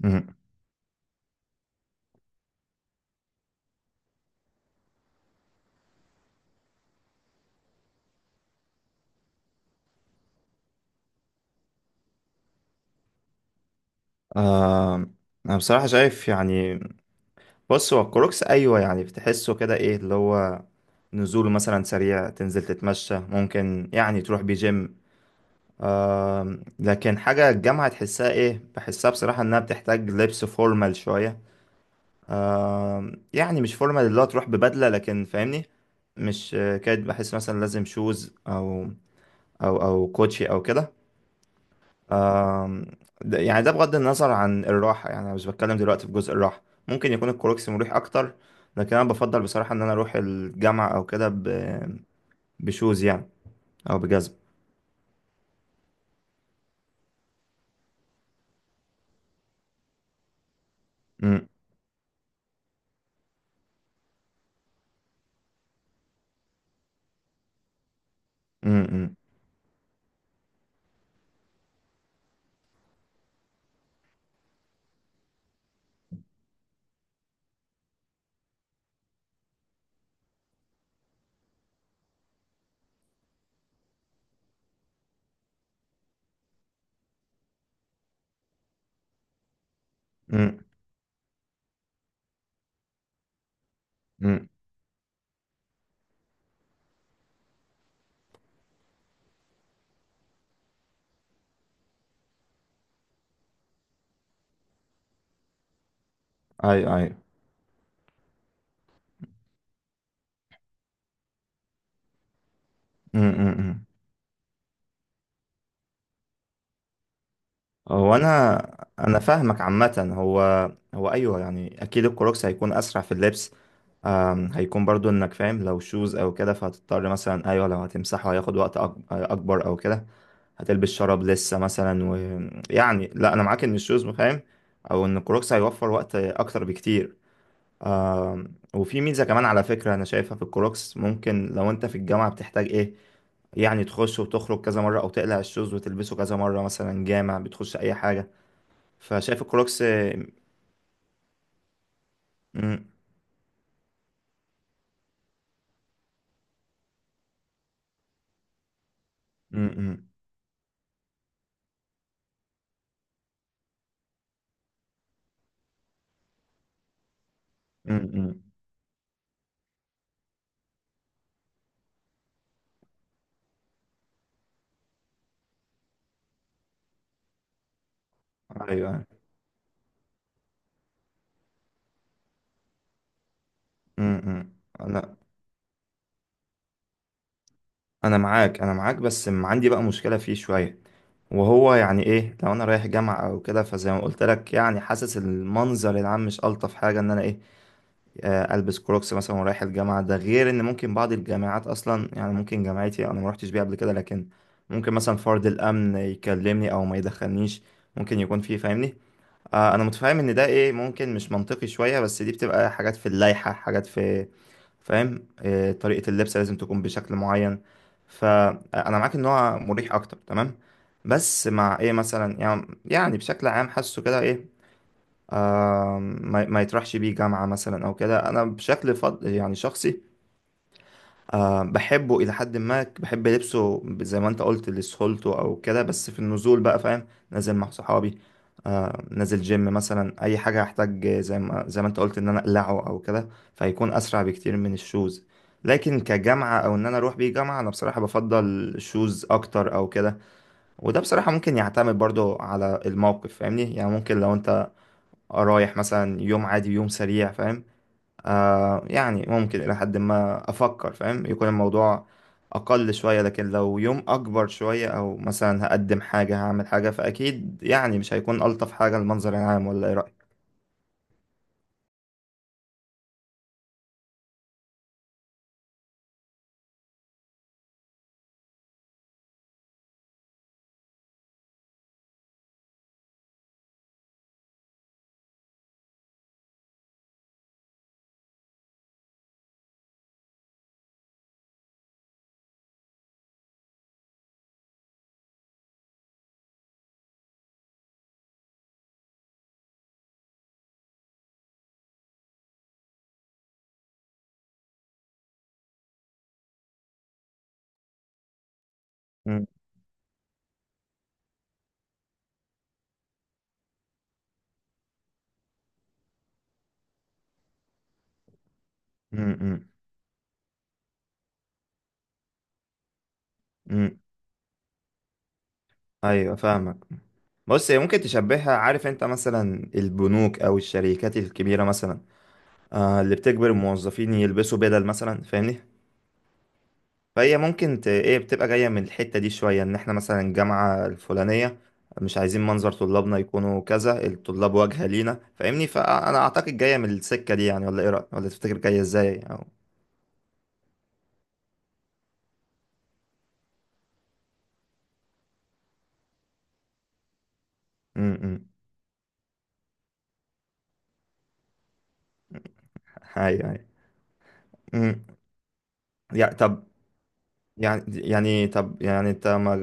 مم. آه، انا بصراحة شايف يعني، بص. هو الكروكس ايوه، يعني بتحسه كده، ايه اللي هو نزوله مثلا سريع، تنزل تتمشى، ممكن يعني تروح بيه جيم. لكن حاجة الجامعة تحسها ايه؟ بحسها بصراحة انها بتحتاج لبس فورمال شوية. يعني مش فورمال اللي هو تروح ببدلة، لكن فاهمني. مش كاد، بحس مثلا لازم شوز او او كوتشي او كده. آم، ده يعني ده بغض النظر عن الراحة، يعني أنا مش بتكلم دلوقتي في جزء الراحة. ممكن يكون الكروكسي مريح أكتر، لكن أنا بفضل بصراحة إن أنا أروح الجامعة أو كده بشوز يعني، أو بجزم. أمم، أمم، أمم، أمم. أيوه أيوه. أمم، أمم، أمم. هو أنا، فاهمك عامة. هو أيوه، يعني أكيد الكروكسي هيكون أسرع في اللبس. هيكون برضو إنك فاهم، لو شوز أو كده فهتضطر مثلا، أيوه لو هتمسحه هياخد وقت أكبر أو كده. هتلبس شراب لسه مثلا، ويعني لا انا معاك ان الشوز فاهم، او ان الكروكس هيوفر وقت اكتر بكتير. آه. وفي ميزه كمان على فكره انا شايفها في الكروكس، ممكن لو انت في الجامعه بتحتاج ايه، يعني تخش وتخرج كذا مره، او تقلع الشوز وتلبسه كذا مره، مثلا جامع، بتخش اي حاجه. فشايف الكروكس م- م- م- م- ايوه م- م. انا انا معاك، انا معاك، بس عندي بقى مشكله فيه شويه. وهو يعني ايه، لو انا رايح جامعة او كده، فزي ما قلت لك يعني حاسس المنظر العام مش الطف حاجة ان انا ايه، آه، البس كروكس مثلا ورايح الجامعة. ده غير ان ممكن بعض الجامعات اصلا، يعني ممكن جامعتي انا ما رحتش بيها قبل كده، لكن ممكن مثلا فرد الامن يكلمني او ما يدخلنيش. ممكن يكون فيه فاهمني، آه. انا متفاهم ان ده ايه، ممكن مش منطقي شوية، بس دي بتبقى حاجات في اللائحة، حاجات في فاهم، آه، طريقة اللبس لازم تكون بشكل معين. فأنا معاك إن هو مريح أكتر، تمام، بس مع إيه مثلا، يعني يعني بشكل عام حاسه كده إيه، آه، ما يطرحش بيه جامعة مثلا أو كده. أنا بشكل فض يعني شخصي، أه بحبه إلى حد ما، بحب لبسه زي ما أنت قلت لسهولته أو كده. بس في النزول بقى فاهم، نازل مع صحابي، أه، نازل جيم مثلا، أي حاجة هحتاج زي ما أنت قلت إن أنا أقلعه أو كده، فهيكون أسرع بكتير من الشوز. لكن كجامعة، أو إن أنا أروح بيه جامعة، أنا بصراحة بفضل الشوز أكتر أو كده. وده بصراحة ممكن يعتمد برضو على الموقف فاهمني. يعني ممكن لو أنت رايح مثلا يوم عادي، يوم سريع فاهم، آه يعني ممكن إلى حد ما أفكر فاهم يكون الموضوع أقل شوية. لكن لو يوم أكبر شوية، أو مثلا هقدم حاجة، هعمل حاجة، فأكيد يعني مش هيكون ألطف حاجة المنظر العام. ولا إيه رأيك؟ مم، مم، مم، مم. أيوة فاهمك. بص هي ممكن تشبهها، عارف أنت مثلا البنوك أو الشركات الكبيرة مثلا، آه اللي بتجبر الموظفين يلبسوا بدل مثلا، فاهمني؟ فهي ممكن ايه، بتبقى جاية من الحتة دي شوية، ان احنا مثلا الجامعة الفلانية مش عايزين منظر طلابنا يكونوا كذا. الطلاب واجهة لينا فاهمني، فانا اعتقد جاية من السكة دي يعني. ولا ايه رأيك؟ ولا تفتكر جاية ازاي او، إمم. ايوه ايوه، امم. يعني طب يعني طب يعني انت ما...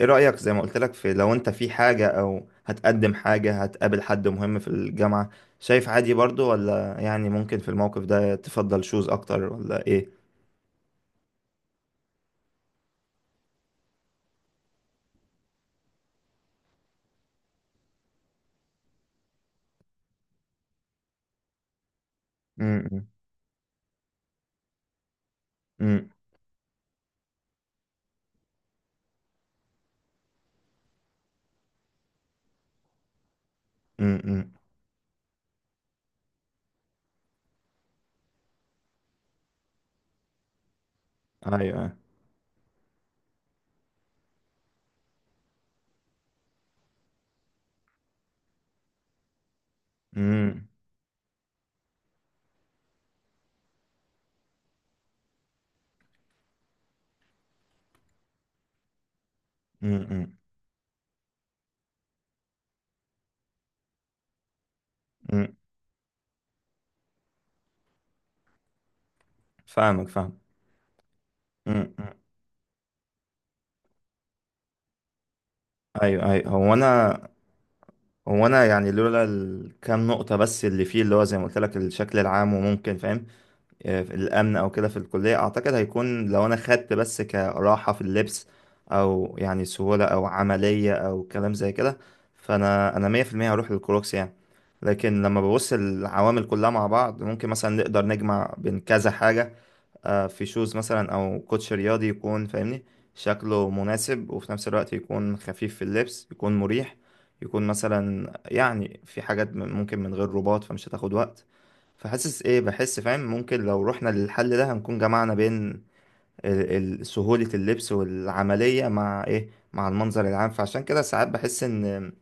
ايه رأيك زي ما قلت لك، في لو انت في حاجة او هتقدم حاجة، هتقابل حد مهم في الجامعة، شايف عادي برضو؟ ولا يعني ممكن في الموقف ده تفضل شوز اكتر؟ ولا ايه؟ إمم. إمم. امم، ايوه ايوه، امم، امم، امم، فاهمك فاهم، امم، ايوه ايوه. هو انا، يعني لولا الكام نقطة بس اللي فيه، اللي هو زي ما قلت لك الشكل العام، وممكن فاهم آه، الامن او كده في الكلية، اعتقد هيكون لو انا خدت بس كراحة في اللبس، او يعني سهولة او عملية او كلام زي كده، فانا 100% هروح للكروكس يعني. لكن لما ببص العوامل كلها مع بعض، ممكن مثلا نقدر نجمع بين كذا حاجة، آه، في شوز مثلا او كوتش رياضي، يكون فاهمني شكله مناسب، وفي نفس الوقت يكون خفيف في اللبس، يكون مريح، يكون مثلا يعني في حاجات ممكن من غير رباط فمش هتاخد وقت. فحاسس ايه، بحس فاهم ممكن لو رحنا للحل ده هنكون جمعنا بين سهولة اللبس والعملية مع ايه، مع المنظر العام. فعشان كده ساعات بحس ان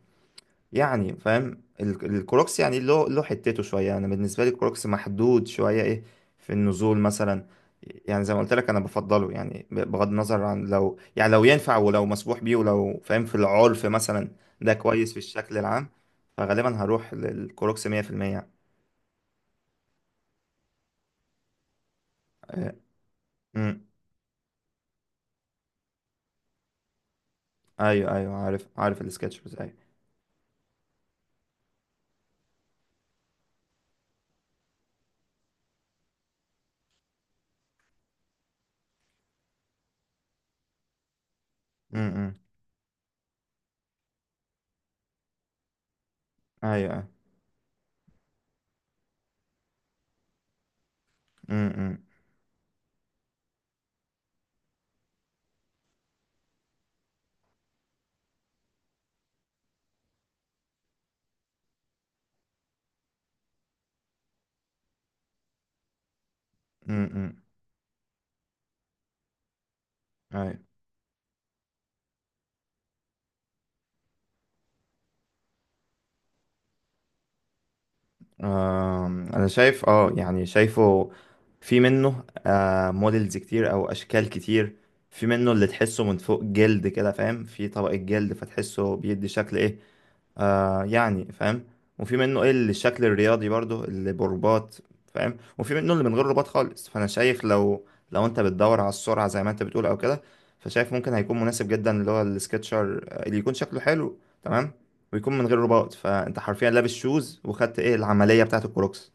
يعني فاهم الكروكس يعني له حتته شويه. انا بالنسبه لي الكروكس محدود شويه ايه، في النزول مثلا. يعني زي ما قلت لك انا بفضله يعني، بغض النظر عن لو يعني، لو ينفع ولو مسموح بيه، ولو فاهم في العرف مثلا ده كويس في الشكل العام، فغالبا هروح للكروكس 100% يعني. آه، أمم. ايوه ايوه عارف عارف السكتش بس ايوه. أمم، أمم. ايوه ايوه. أمم، أمم، أمم، أمم. أيوة. انا شايف اه يعني شايفه في منه موديلز كتير او اشكال كتير. في منه اللي تحسه من فوق جلد كده فاهم، في طبقة جلد فتحسه بيدي شكل ايه، آه يعني فاهم. وفي منه ايه اللي الشكل الرياضي برضو اللي برباط فاهم. وفي منه اللي من غير رباط خالص. فانا شايف لو، لو انت بتدور على السرعه زي ما انت بتقول او كده، فشايف ممكن هيكون مناسب جدا اللي هو السكتشر، آه، اللي يكون شكله حلو تمام، ويكون من غير رباط. فانت حرفيا لابس شوز وخدت ايه العمليه بتاعه الكروكس.